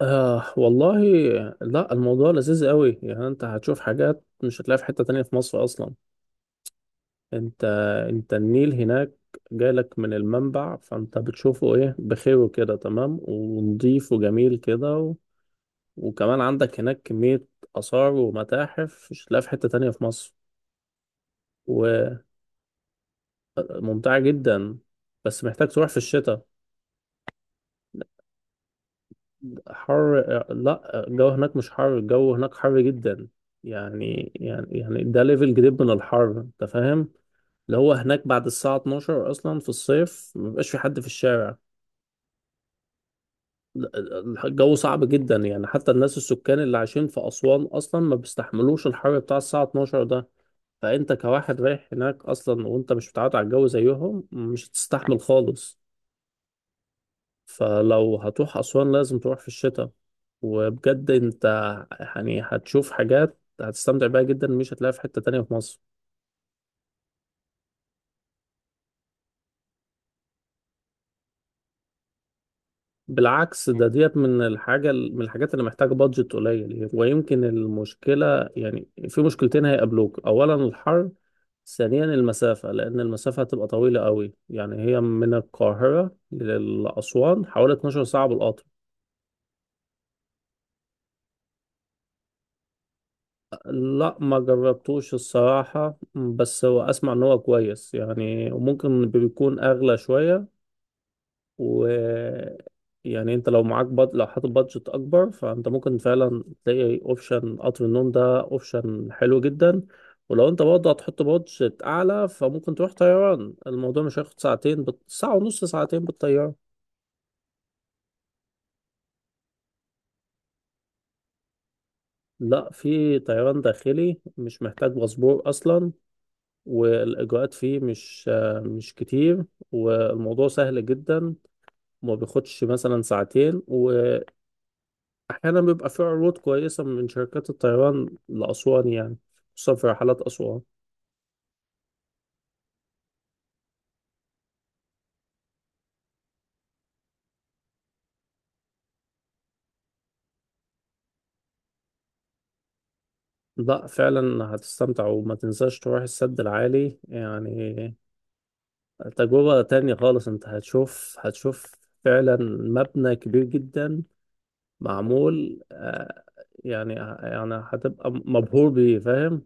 آه والله، لا الموضوع لذيذ قوي. يعني انت هتشوف حاجات مش هتلاقيها في حتة تانية في مصر اصلا. انت انت النيل هناك جالك من المنبع، فانت بتشوفه ايه بخير كده، تمام ونضيف وجميل كده وكمان عندك هناك كمية آثار ومتاحف مش هتلاقيها في حتة تانية في مصر. وممتعة جدا، بس محتاج تروح في الشتاء. حر؟ لا الجو هناك مش حر، الجو هناك حر جدا. يعني ده ليفل جديد من الحر انت فاهم. اللي هو هناك بعد الساعة 12 اصلا في الصيف مبيبقاش في حد في الشارع. لا، الجو صعب جدا، يعني حتى الناس السكان اللي عايشين في أسوان اصلا ما بيستحملوش الحر بتاع الساعة 12 ده. فانت كواحد رايح هناك اصلا وانت مش متعود على الجو زيهم، مش هتستحمل خالص. فلو هتروح أسوان لازم تروح في الشتاء. وبجد انت يعني هتشوف حاجات هتستمتع بيها جدا مش هتلاقيها في حتة تانية في مصر. بالعكس، ده ديت من الحاجة، من الحاجات اللي محتاجة بادجت قليل. ويمكن المشكلة، يعني في مشكلتين هيقابلوك: أولا الحر، ثانيا المسافة، لأن المسافة هتبقى طويلة قوي. يعني هي من القاهرة لأسوان حوالي 12 ساعة بالقطر. لا ما جربتوش الصراحة، بس هو أسمع إن هو كويس يعني، وممكن بيكون أغلى شوية. و، يعني أنت لو معاك لو حاطط بادجت أكبر، فأنت ممكن فعلا تلاقي أوبشن قطر النوم ده، أوبشن حلو جدا. ولو أنت برضه هتحط بادجت أعلى فممكن تروح طيران، الموضوع مش هياخد ساعتين، ساعة ونص ساعتين بالطيارة. لا، في طيران داخلي مش محتاج باسبور أصلا، والاجراءات فيه مش مش كتير، والموضوع سهل جدا، وما بياخدش مثلا ساعتين. واحيانا بيبقى فيه عروض كويسه من شركات الطيران لاسوان يعني، خصوصا في رحلات اسوان. لا فعلا هتستمتع، وما تنساش تروح السد العالي يعني، تجربه تانية خالص. انت هتشوف هتشوف فعلا مبنى كبير جدا، معمول، يعني يعني هتبقى مبهور بيه فاهم.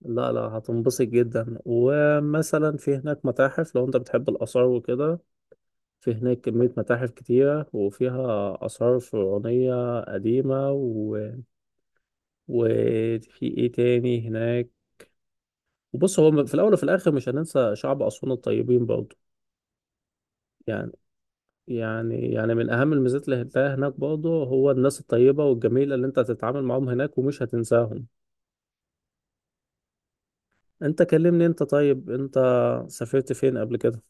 لا لا هتنبسط جدا، ومثلا في هناك متاحف لو انت بتحب الآثار وكده. في هناك كمية متاحف كتيرة وفيها آثار فرعونية قديمة وفي ايه تاني هناك. وبص هو في الأول وفي الآخر مش هننسى شعب أسوان الطيبين برضه. يعني يعني من أهم الميزات اللي هتلاقيها هناك برضه هو الناس الطيبة والجميلة اللي انت هتتعامل معاهم هناك ومش هتنساهم. انت كلمني انت. طيب انت سافرت فين قبل كده؟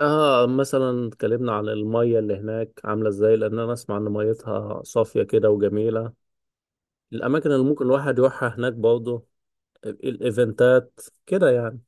اه مثلا اتكلمنا عن المية اللي هناك عاملة ازاي، لان انا اسمع ان ميتها صافية كده وجميلة. الاماكن اللي ممكن الواحد يروحها هناك برضه، الايفنتات كده يعني.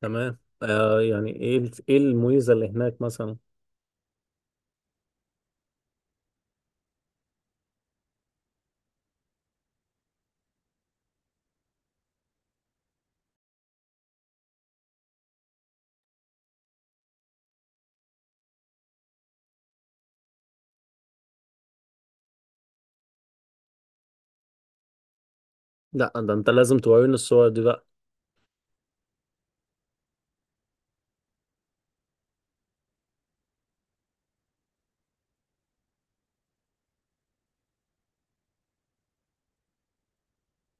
تمام آه، يعني ايه الميزة اللي هناك مثلا؟ لا ده انت لازم توريني الصور دي بقى.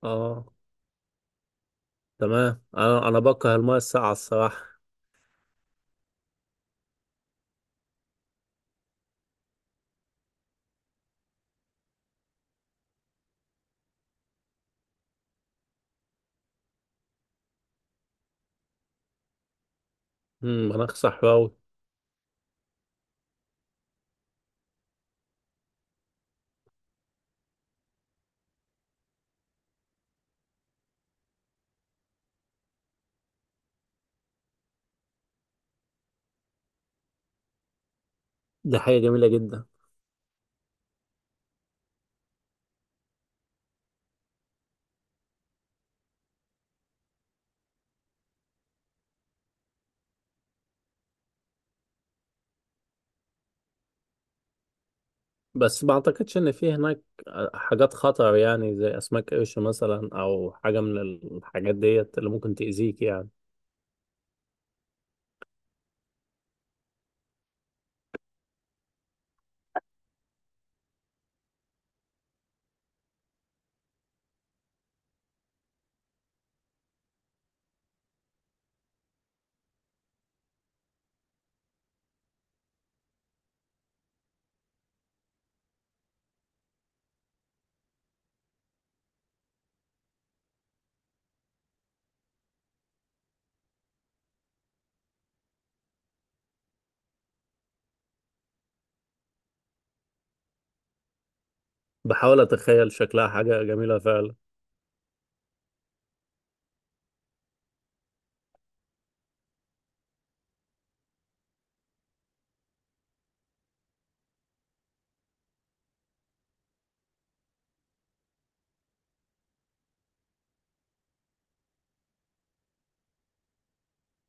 اه تمام، انا بكره المية الساقعة الصراحة. مناخ صحراوي. دي حاجة جميلة جدا. بس ما اعتقدش ان في هناك حاجات خطر يعني، زي اسماك قرش مثلا او حاجه من الحاجات ديت اللي ممكن تاذيك يعني. بحاول اتخيل شكلها، حاجه جميله فعلا.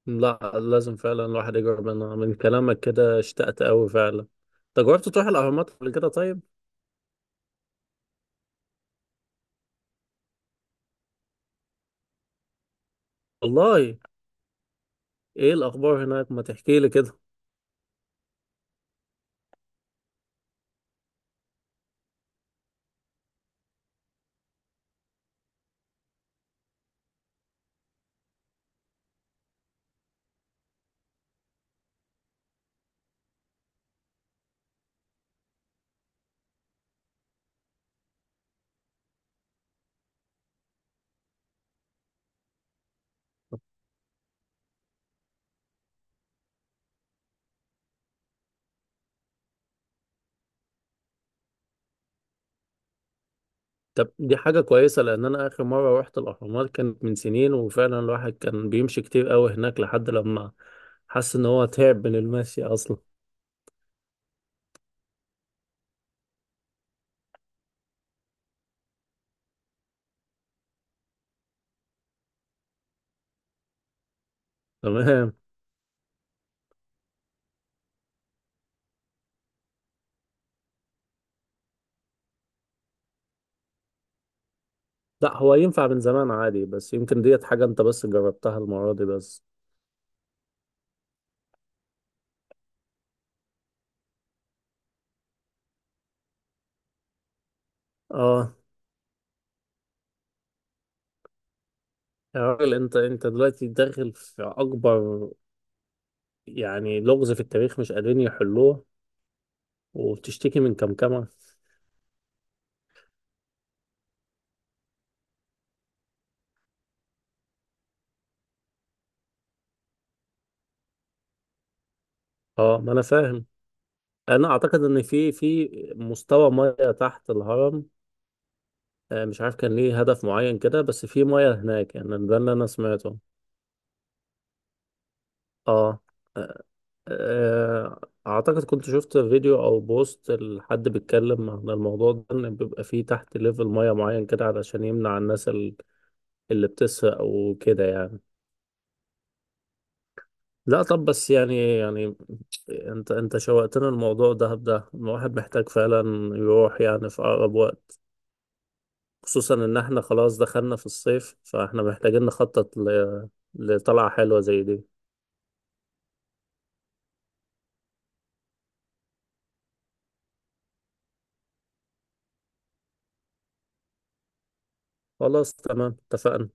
لا لازم فعلا الواحد يجرب منها، من كلامك كده اشتقت قوي فعلا. انت جربت تروح الاهرامات قبل كده طيب؟ والله؟ ايه الاخبار هناك، ما تحكي لي كده. طب دي حاجه كويسه، لان انا اخر مره رحت الاهرامات كانت من سنين، وفعلا الواحد كان بيمشي كتير قوي هناك لحد لما حس ان هو تعب من المشي اصلا. تمام. لا هو ينفع من زمان عادي، بس يمكن ديت حاجة انت بس جربتها المرة دي بس. اه، يا راجل انت دلوقتي داخل في اكبر يعني لغز في التاريخ مش قادرين يحلوه وبتشتكي من كمكمة؟ اه ما انا فاهم. انا اعتقد ان في مستوى مياه تحت الهرم. مش عارف كان ليه هدف معين كده، بس في مياه هناك يعني، ده اللي انا سمعته. اه، آه، اعتقد كنت شفت فيديو او بوست لحد بيتكلم عن الموضوع ده، ان بيبقى فيه تحت ليفل ميه معين كده علشان يمنع الناس اللي بتسرق وكده يعني. لا طب بس يعني انت شوقتنا. الموضوع ده الواحد محتاج فعلا يروح يعني في اقرب وقت. خصوصا ان احنا خلاص دخلنا في الصيف، فاحنا محتاجين نخطط لطلعة حلوة زي دي. خلاص تمام اتفقنا.